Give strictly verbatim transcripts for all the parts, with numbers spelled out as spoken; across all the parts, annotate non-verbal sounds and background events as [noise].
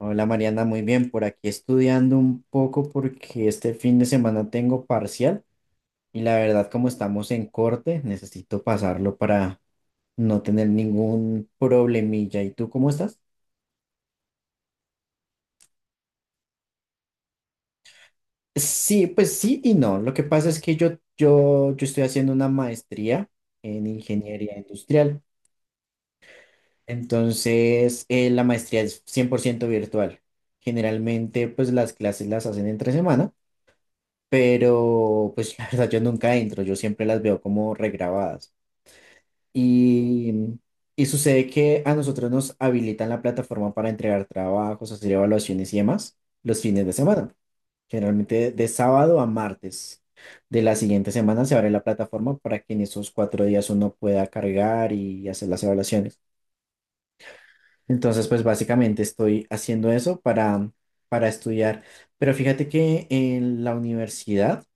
Hola Mariana, muy bien. Por aquí estudiando un poco porque este fin de semana tengo parcial y la verdad como estamos en corte, necesito pasarlo para no tener ningún problemilla. ¿Y tú cómo estás? Sí, pues sí y no. Lo que pasa es que yo, yo, yo estoy haciendo una maestría en ingeniería industrial. Entonces, eh, la maestría es cien por ciento virtual. Generalmente, pues las clases las hacen entre semana, pero pues [laughs] la verdad yo nunca entro, yo siempre las veo como regrabadas. Y, y sucede que a nosotros nos habilitan la plataforma para entregar trabajos, hacer evaluaciones y demás los fines de semana, generalmente de sábado a martes. De la siguiente semana se abre la plataforma para que en esos cuatro días uno pueda cargar y hacer las evaluaciones. Entonces, pues básicamente estoy haciendo eso para, para estudiar. Pero fíjate que en la universidad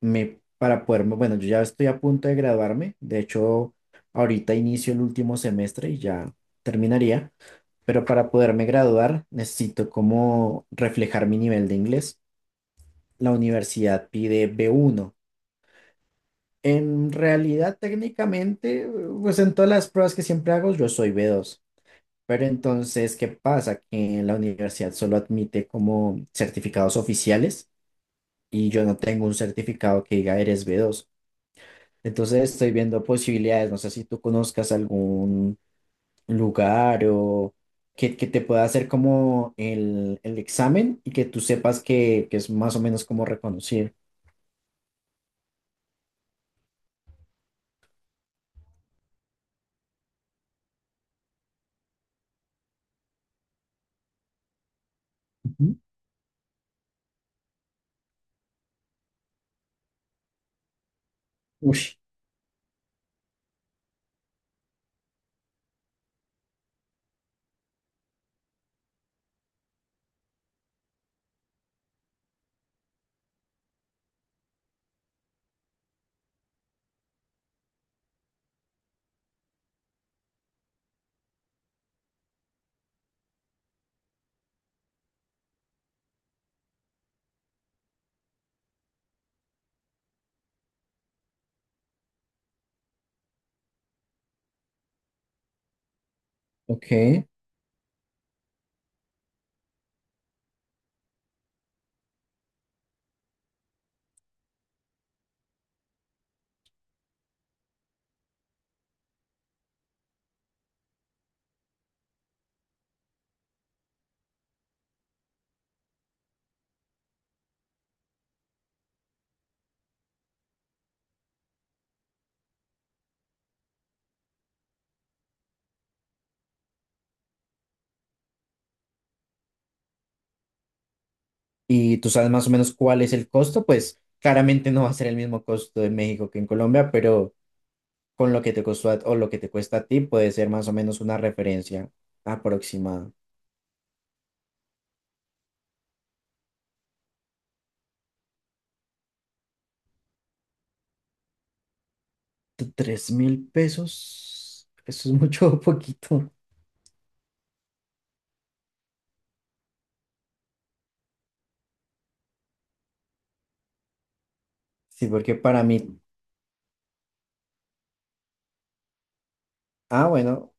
me, para poderme, bueno, yo ya estoy a punto de graduarme, de hecho, ahorita inicio el último semestre y ya terminaría, pero para poderme graduar necesito como reflejar mi nivel de inglés. La universidad pide B uno. En realidad, técnicamente, pues en todas las pruebas que siempre hago, yo soy B dos. Pero entonces, ¿qué pasa? Que la universidad solo admite como certificados oficiales y yo no tengo un certificado que diga eres B dos. Entonces estoy viendo posibilidades, no sé si tú conozcas algún lugar o que, que te pueda hacer como el, el examen y que tú sepas que, que es más o menos como reconocido. Ujú. Uy, ok. Y tú sabes más o menos cuál es el costo, pues claramente no va a ser el mismo costo en México que en Colombia, pero con lo que te costó a- o lo que te cuesta a ti puede ser más o menos una referencia aproximada. T- ¿Tres mil pesos? ¿Eso es mucho o poquito? Sí, porque para mí. Ah, bueno.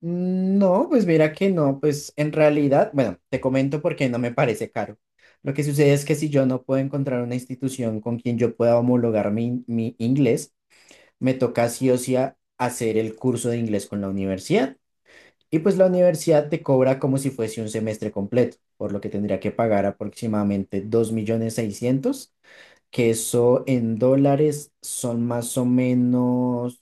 Mm, no, pues mira que no, pues en realidad, bueno, te comento porque no me parece caro. Lo que sucede es que si yo no puedo encontrar una institución con quien yo pueda homologar mi, mi inglés, me toca sí o sí a- hacer el curso de inglés con la universidad. Y pues la universidad te cobra como si fuese un semestre completo, por lo que tendría que pagar aproximadamente dos millones seiscientos mil, que eso en dólares son más o menos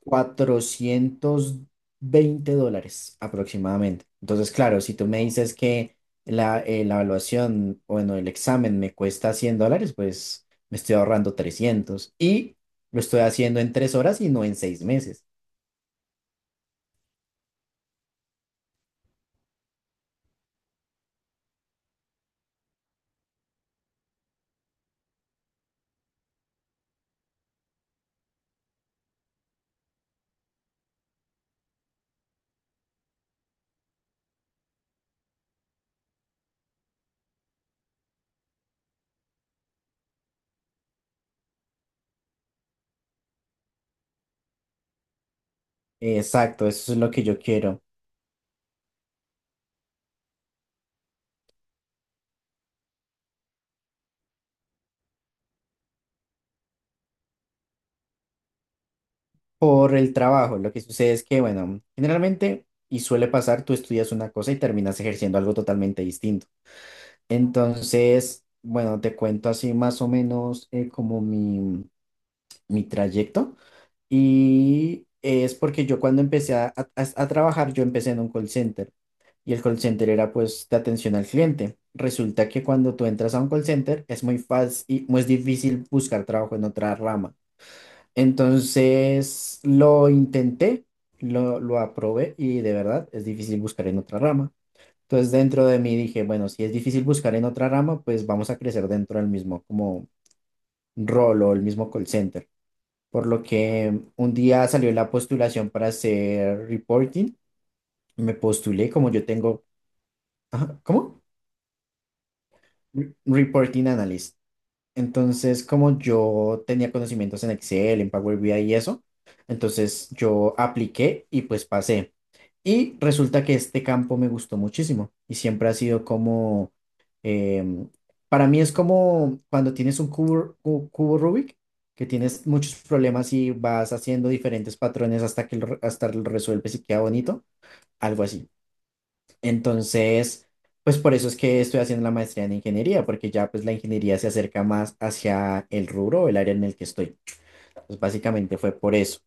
cuatrocientos veinte dólares aproximadamente. Entonces, claro, si tú me dices que la, eh, la evaluación, bueno, el examen me cuesta cien dólares, pues me estoy ahorrando trescientos y lo estoy haciendo en tres horas y no en seis meses. Exacto, eso es lo que yo quiero. Por el trabajo, lo que sucede es que, bueno, generalmente, y suele pasar, tú estudias una cosa y terminas ejerciendo algo totalmente distinto. Entonces, bueno, te cuento así más o menos eh, como mi mi trayecto. Y es porque yo cuando empecé a, a- a trabajar, yo empecé en un call center y el call center era pues de atención al cliente. Resulta que cuando tú entras a un call center es muy fácil y muy difícil buscar trabajo en otra rama. Entonces lo intenté, lo, lo aprobé y de verdad es difícil buscar en otra rama. Entonces dentro de mí dije, bueno, si es difícil buscar en otra rama, pues vamos a crecer dentro del mismo como rol o el mismo call center, por lo que un día salió la postulación para hacer reporting. Me postulé como yo tengo, ajá, ¿cómo? Re- Reporting Analyst. Entonces, como yo tenía conocimientos en Excel, en Power B I y eso, entonces yo apliqué y pues pasé. Y resulta que este campo me gustó muchísimo y siempre ha sido como, em, para mí es como cuando tienes un cubo, cu- cubo Rubik, que tienes muchos problemas y vas haciendo diferentes patrones hasta que lo, re- hasta lo resuelves y queda bonito, algo así. Entonces, pues por eso es que estoy haciendo la maestría en ingeniería, porque ya pues la ingeniería se acerca más hacia el rubro o el área en el que estoy. Pues básicamente fue por eso.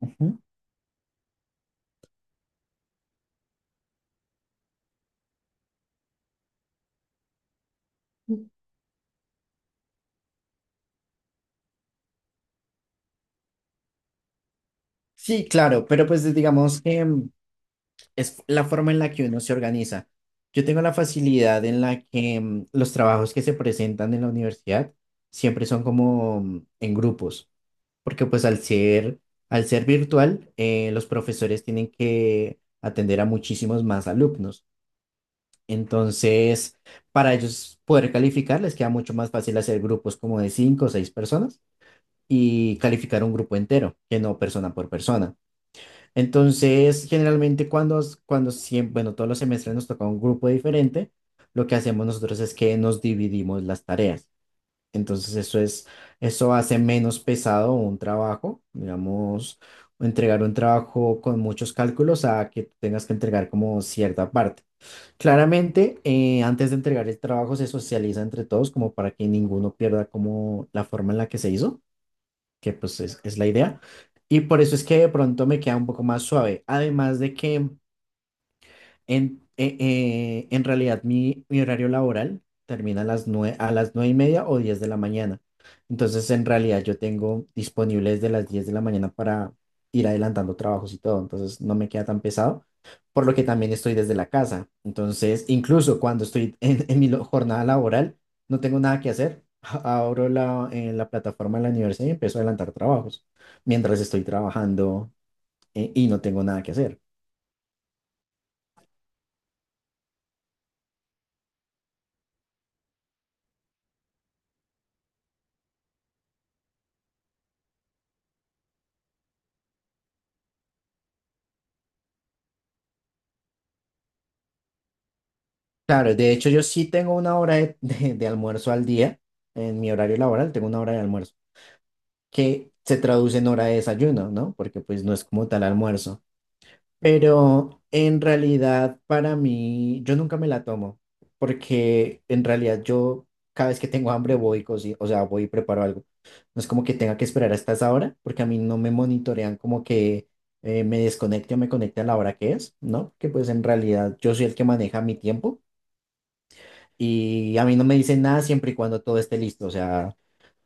Ujú. Sí, claro, pero pues digamos que em, es la forma en la que uno se organiza. Yo tengo la facilidad en la que mm, los trabajos que se presentan en la universidad siempre son como mm, en grupos, porque pues al ser, al ser virtual, eh, los profesores tienen que atender a muchísimos más alumnos. Entonces, para ellos poder calificar, les queda mucho más fácil hacer grupos como de cinco o seis personas y calificar un grupo entero, que no persona por persona. Entonces, generalmente cuando, s- cuando siempre, bueno, todos los semestres nos toca un grupo diferente, lo que hacemos nosotros es que nos dividimos las tareas. Entonces, eso es, eso hace menos pesado un trabajo, digamos, entregar un trabajo con muchos cálculos a que tú tengas que entregar como cierta parte. Claramente, eh, antes de entregar el trabajo se socializa entre todos como para que ninguno pierda como la forma en la que se hizo, que pues es, es la idea. Y por eso es que de pronto me queda un poco más suave. Además de que en, eh, eh, en realidad, mi, mi horario laboral termina a las nueve, a las nueve y media o diez de la mañana. Entonces, en realidad, yo tengo disponible desde las diez de la mañana para ir adelantando trabajos y todo. Entonces, no me queda tan pesado, por lo que también estoy desde la casa. Entonces, incluso cuando estoy en, en mi lo- jornada laboral, no tengo nada que hacer. [laughs] Abro la, eh, la plataforma de la universidad y empiezo a adelantar trabajos mientras estoy trabajando, eh, y no tengo nada que hacer. Claro, de hecho yo sí tengo una hora de, [laughs] de- de almuerzo al día, en mi horario laboral tengo una hora de almuerzo, que se traduce en hora de desayuno, ¿no? Porque pues no es como tal almuerzo. Pero en realidad para mí, yo nunca me la tomo, porque en realidad yo cada vez que tengo hambre voy, y coci- o sea, voy y preparo algo. No es como que tenga que esperar hasta esa hora, porque a mí no me monitorean como que eh, me desconecte o me conecte a la hora que es, ¿no? Que pues en realidad yo soy el que maneja mi tiempo. Y a mí no me dicen nada siempre y cuando todo esté listo. O sea,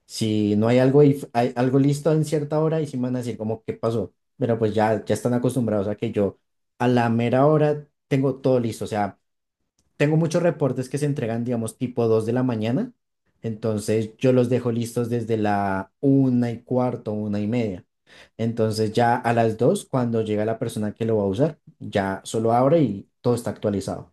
si no hay algo, dif- hay algo listo en cierta hora y si me van a decir como, ¿qué pasó? Pero pues ya, ya están acostumbrados a que yo a la mera hora tengo todo listo. O sea, tengo muchos reportes que se entregan, digamos, tipo dos de la mañana. Entonces yo los dejo listos desde la una y cuarto, una y media. Entonces ya a las dos cuando llega la persona que lo va a usar, ya solo abre y todo está actualizado.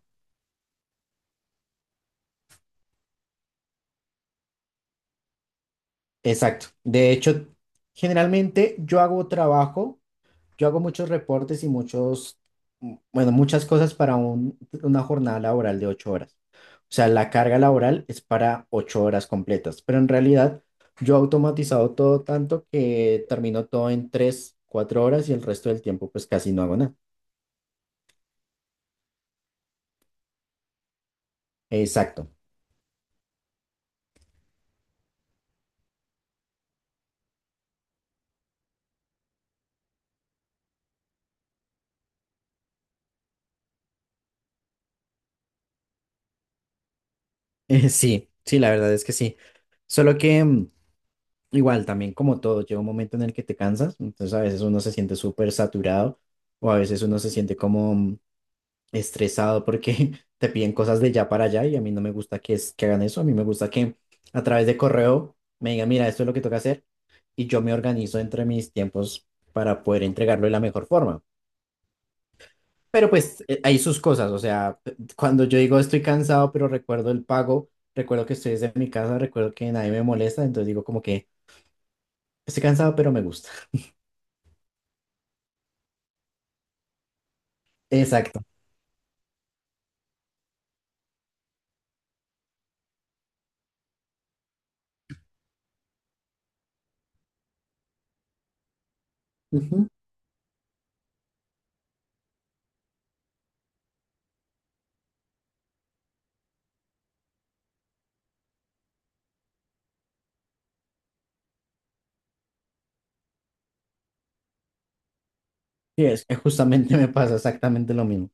Exacto. De hecho, generalmente yo hago trabajo, yo hago muchos reportes y muchos, mm, bueno, muchas cosas para un- una jornada laboral de ocho horas. O sea, la carga laboral es para ocho horas completas, pero en realidad yo he automatizado todo tanto que termino todo en tres, cuatro horas y el resto del tiempo pues casi no hago nada. Exacto. [laughs] Sí, sí, la verdad es que sí. Solo que mm, igual, también como todo, llega un momento en el que te cansas, entonces a veces uno se siente súper saturado o a veces uno se siente como mm, estresado porque [laughs] te piden cosas de ya para allá y a mí no me gusta que, es, que hagan eso, a mí me gusta que a través de correo me digan, mira, esto es lo que toca hacer y yo me organizo entre mis tiempos para poder entregarlo de la mejor forma. Pero pues eh, hay sus cosas, o sea, eh, cuando yo digo estoy cansado, pero recuerdo el pago, recuerdo que estoy desde mi casa, recuerdo que nadie me molesta, entonces digo como que estoy cansado, pero me gusta. Exacto. Ujú. Sí, es que justamente [laughs] me pasa exactamente lo mismo.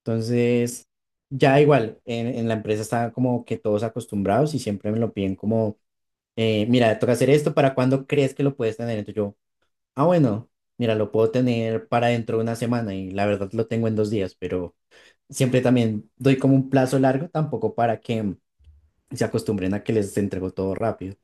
Entonces, ya igual, en, en la empresa están como que todos acostumbrados y siempre me lo piden como, eh, mira, toca hacer esto, ¿para cuándo crees que lo puedes tener? Entonces yo, ah, bueno, mira, lo puedo tener para dentro de una semana y la verdad lo tengo en dos días, pero siempre también doy como un plazo largo, tampoco para que se acostumbren a que les entrego todo rápido.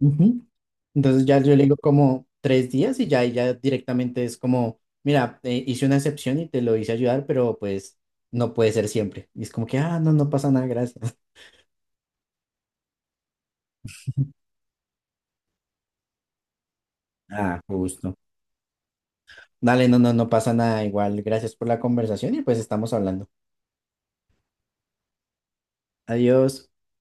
[laughs] Entonces ya yo le digo como tres días y ya, y ya directamente es como, mira, eh, hice una excepción y te lo hice ayudar, pero pues no puede ser siempre. Y es como que, ah, no, no pasa nada, gracias. [laughs] Ah, justo. Dale, no, no, no pasa nada, igual, gracias por la conversación y pues estamos hablando. Adiós.